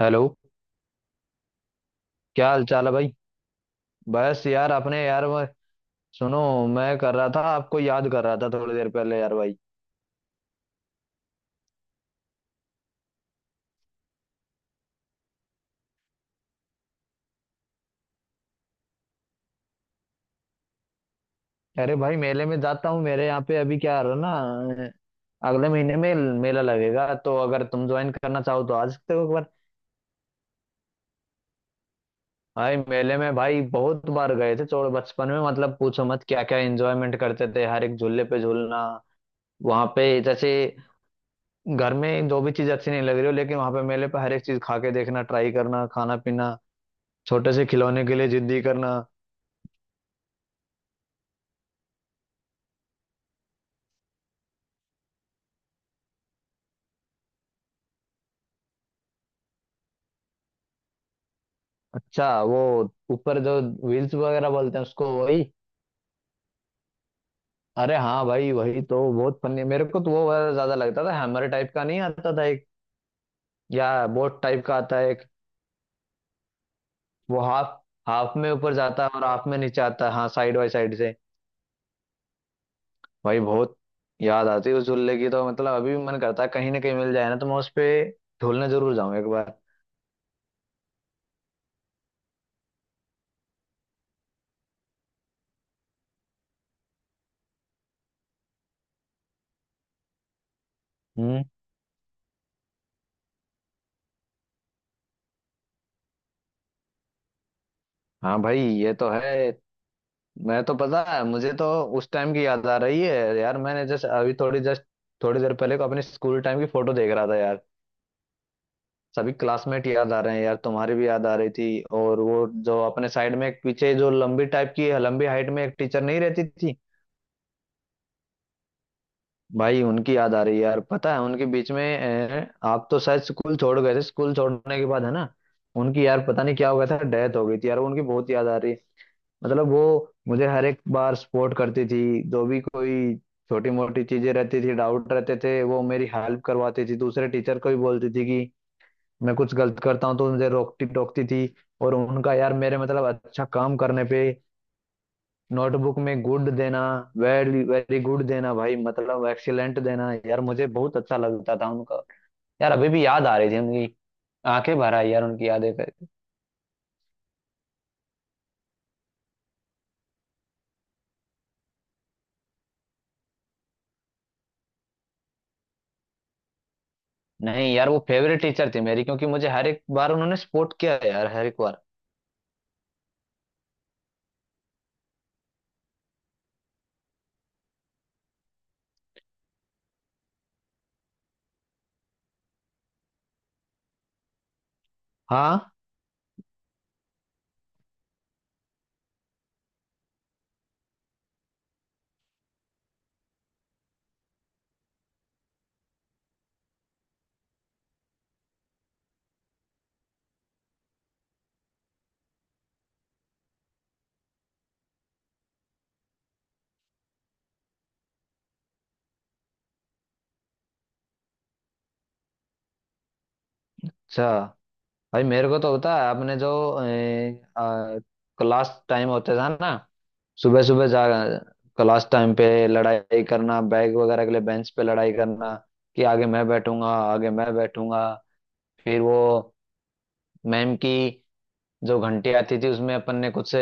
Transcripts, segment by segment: Hello. क्या हाल चाल है भाई। बस यार अपने यार वो सुनो। मैं कर रहा था आपको याद कर रहा था थोड़ी देर पहले यार भाई। अरे भाई मेले में जाता हूँ। मेरे यहाँ पे अभी क्या रहा ना, अगले महीने में मेला लगेगा, तो अगर तुम ज्वाइन करना चाहो तो आ सकते हो एक बार। भाई मेले में भाई बहुत बार गए थे छोड़ बचपन में, मतलब पूछो मत क्या क्या एंजॉयमेंट करते थे। हर एक झूले पे झूलना, वहां पे जैसे घर में जो भी चीज अच्छी नहीं लग रही हो, लेकिन वहां पे मेले पे हर एक चीज खा के देखना, ट्राई करना, खाना पीना, छोटे से खिलौने के लिए जिद्दी करना। अच्छा वो ऊपर जो व्हील्स वगैरह बोलते हैं उसको, वही। अरे हाँ भाई वही तो। बहुत फनी मेरे को तो वो वाला ज्यादा लगता था। हैमर टाइप का नहीं आता था एक, या बोट टाइप का आता है एक, वो हाफ हाफ में ऊपर जाता है और हाफ में नीचे आता है। हाँ साइड बाई साइड से। भाई बहुत याद आती है उस झूले की। तो मतलब अभी भी मन करता है कहीं ना कहीं मिल जाए ना तो मैं उस पे झूलने जरूर जाऊँ एक बार। हम्म हाँ भाई ये तो है। मैं तो, पता है मुझे तो उस टाइम की याद आ रही है यार। मैंने जस्ट अभी थोड़ी जस्ट थोड़ी देर पहले को अपने स्कूल टाइम की फोटो देख रहा था यार। सभी क्लासमेट याद आ रहे हैं यार, तुम्हारी भी याद आ रही थी। और वो जो अपने साइड में एक पीछे जो लंबी टाइप की लंबी हाइट में एक टीचर नहीं रहती थी, भाई उनकी याद आ रही है यार। पता है उनके बीच में, आप तो शायद स्कूल छोड़ गए थे, स्कूल छोड़ने के बाद है ना, उनकी, यार पता नहीं क्या हो गया था, डेथ हो गई थी यार। उनकी बहुत याद आ रही है। मतलब वो मुझे हर एक बार सपोर्ट करती थी। जो भी कोई छोटी मोटी चीजें रहती थी, डाउट रहते थे, वो मेरी हेल्प करवाती थी। दूसरे टीचर को भी बोलती थी कि, मैं कुछ गलत करता हूँ तो मुझे रोकती टोकती थी। और उनका यार मेरे मतलब अच्छा काम करने पे नोटबुक में गुड देना, वेरी वेरी गुड देना, भाई मतलब एक्सीलेंट देना यार, मुझे बहुत अच्छा लगता था उनका। यार अभी भी याद आ रही थी उनकी, आंखें भर आई यार उनकी यादें करके। नहीं यार वो फेवरेट टीचर थी मेरी, क्योंकि मुझे हर एक बार उन्होंने सपोर्ट किया है यार, हर एक बार। हाँ, अच्छा। भाई मेरे को तो होता है आपने जो क्लास टाइम होते था ना, सुबह सुबह जा क्लास टाइम पे लड़ाई करना, बैग वगैरह के लिए बेंच पे लड़ाई करना कि आगे मैं बैठूंगा, आगे मैं बैठूंगा। फिर वो मैम की जो घंटी आती थी उसमें अपन ने कुछ से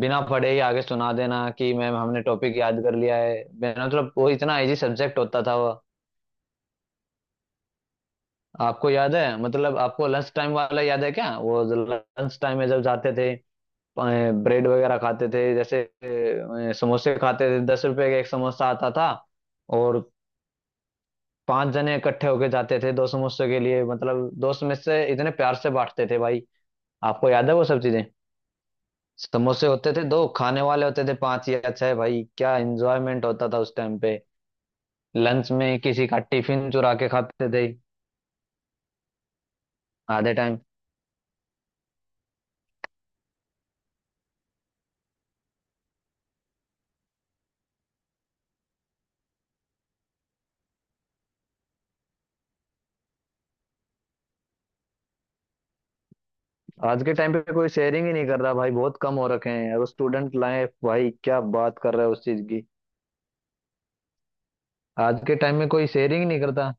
बिना पढ़े ही आगे सुना देना कि मैम हमने टॉपिक याद कर लिया है, बिना मतलब। वो इतना इजी सब्जेक्ट होता था वो। आपको याद है, मतलब आपको लंच टाइम वाला याद है क्या? वो लंच टाइम में जब जाते थे, ब्रेड वगैरह खाते थे जैसे, समोसे खाते थे, 10 रुपए का एक समोसा आता था, और पांच जने इकट्ठे होके जाते थे दो समोसे के लिए, मतलब दोस्त में से इतने प्यार से बांटते थे भाई। आपको याद है वो सब चीजें? समोसे होते थे दो, खाने वाले होते थे पांच या छह। भाई क्या एंजॉयमेंट होता था उस टाइम पे। लंच में किसी का टिफिन चुरा के खाते थे आधे टाइम। आज के टाइम पे कोई शेयरिंग ही नहीं कर रहा भाई, बहुत कम हो रखे हैं। और स्टूडेंट लाइफ भाई, क्या बात कर रहा है उस चीज की, आज के टाइम में कोई शेयरिंग नहीं करता।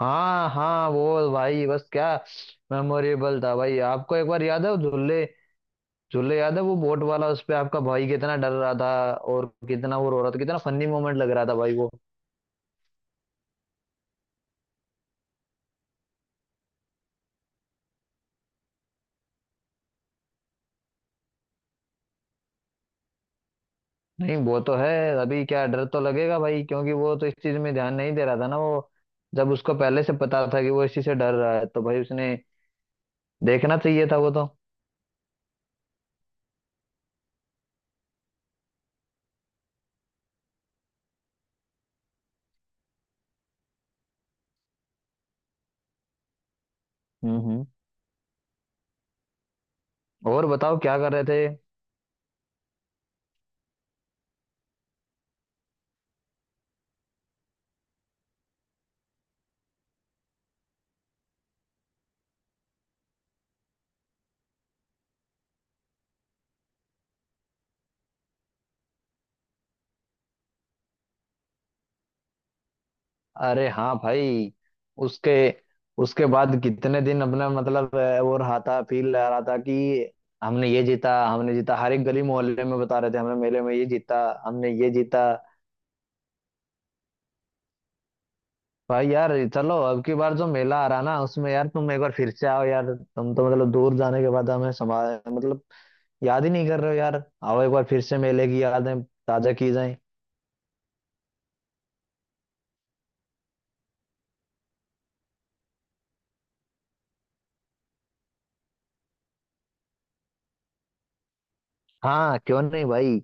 हाँ हाँ वो भाई, बस क्या मेमोरेबल था भाई। आपको एक बार याद है वो झूले, याद है वो बोट वाला, उस पे आपका भाई कितना डर रहा था, और कितना वो रो रहा था, कितना फनी मोमेंट लग रहा था भाई वो। नहीं वो तो है, अभी क्या डर तो लगेगा भाई, क्योंकि वो तो इस चीज में ध्यान नहीं दे रहा था ना वो। जब उसको पहले से पता था कि वो इस चीज से डर रहा है, तो भाई उसने देखना चाहिए था वो तो। हम्म हम्म और बताओ क्या कर रहे थे। अरे हाँ भाई। उसके उसके बाद कितने दिन अपना मतलब, वो रहा था, फील आ रहा था कि हमने ये जीता, हमने जीता, हर एक गली मोहल्ले में बता रहे थे, हमने मेले में ये जीता, हमने ये जीता। भाई यार चलो, अब की बार जो मेला आ रहा ना उसमें यार तुम एक बार फिर से आओ यार। तुम तो मतलब दूर जाने के बाद हमें समा मतलब याद ही नहीं कर रहे हो यार। आओ एक बार फिर से मेले की यादें ताजा की जाए। हाँ क्यों नहीं भाई।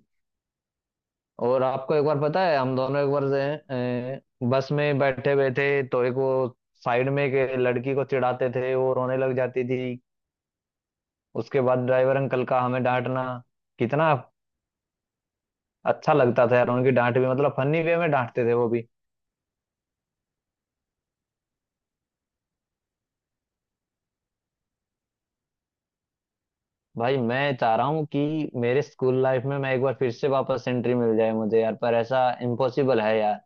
और आपको एक बार पता है, हम दोनों एक बार से, बस में बैठे हुए थे तो एक वो साइड में एक लड़की को चिढ़ाते थे, वो रोने लग जाती थी। उसके बाद ड्राइवर अंकल का हमें डांटना, कितना अच्छा लगता था यार उनकी डांट भी, मतलब फनी वे में डांटते थे वो भी। भाई मैं चाह रहा हूँ कि मेरे स्कूल लाइफ में मैं एक बार फिर से वापस एंट्री मिल जाए मुझे यार, पर ऐसा इम्पॉसिबल है यार।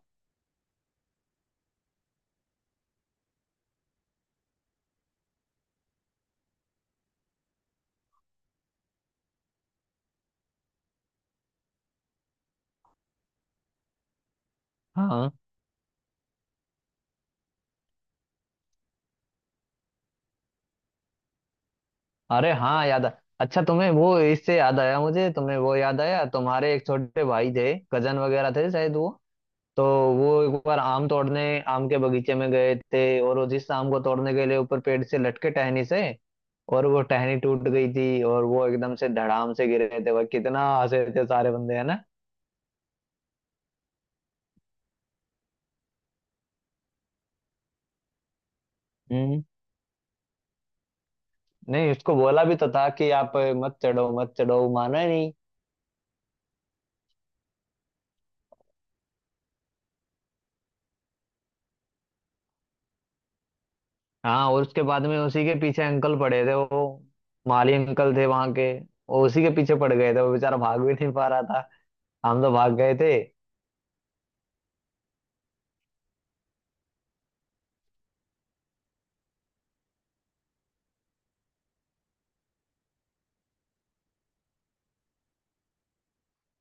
हाँ। अरे हाँ याद आ अच्छा तुम्हें वो इससे याद आया। मुझे तुम्हें वो याद आया, तुम्हारे एक छोटे भाई थे, कजन वगैरह थे शायद वो, तो वो एक बार आम तोड़ने आम के बगीचे में गए थे, और वो जिस आम को तोड़ने के लिए ऊपर पेड़ से लटके टहनी से, और वो टहनी टूट गई थी और वो एकदम से धड़ाम से गिर रहे थे, वह कितना हंसे थे सारे बंदे है ना। हम्म। नहीं उसको बोला भी तो था कि आप मत चढ़ो, मत चढ़ो, वो माना ही नहीं। हाँ। और उसके बाद में उसी के पीछे अंकल पड़े थे, वो माली अंकल थे वहां के, वो उसी के पीछे पड़ गए थे, वो बेचारा भाग भी नहीं पा रहा था, हम तो भाग गए थे।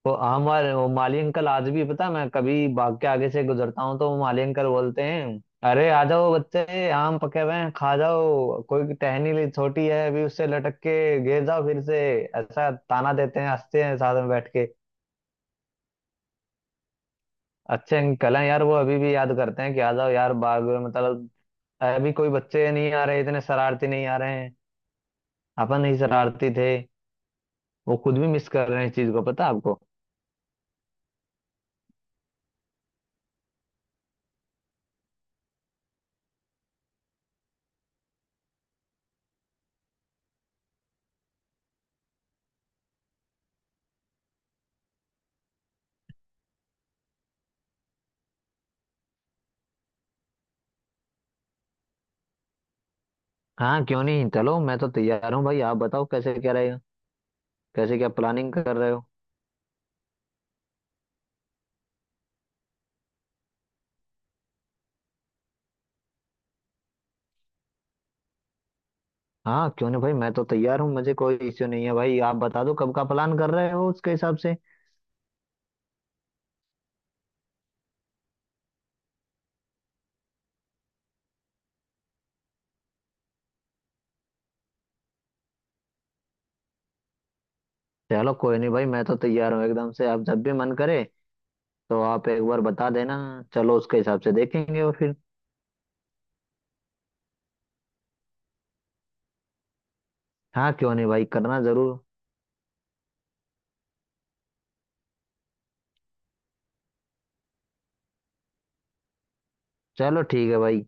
वो हमारे वो माली अंकल आज भी, पता है, मैं कभी बाग के आगे से गुजरता हूँ तो वो माली अंकल बोलते हैं, अरे आ जाओ बच्चे, आम पके हुए हैं खा जाओ, कोई टहनी ली छोटी है अभी, उससे लटक के गिर जाओ फिर से। ऐसा ताना देते हैं, हंसते हैं साथ में बैठ के। अच्छे अंकल हैं यार, वो अभी भी याद करते हैं कि आ जाओ यार बाग में, मतलब अभी कोई बच्चे नहीं आ रहे, इतने शरारती नहीं आ रहे हैं, अपन ही शरारती थे। वो खुद भी मिस कर रहे हैं इस चीज को, पता है आपको। हाँ क्यों नहीं, चलो मैं तो तैयार हूँ भाई, आप बताओ कैसे क्या रहेगा, कैसे क्या प्लानिंग कर रहे हो। हाँ क्यों नहीं भाई, मैं तो तैयार हूँ, मुझे कोई इश्यू नहीं है भाई, आप बता दो कब का प्लान कर रहे हो, उसके हिसाब से। चलो कोई नहीं भाई, मैं तो तैयार हूँ एकदम से, आप जब भी मन करे तो आप एक बार बता देना, चलो उसके हिसाब से देखेंगे और फिर। हाँ क्यों नहीं भाई, करना जरूर। चलो ठीक है भाई।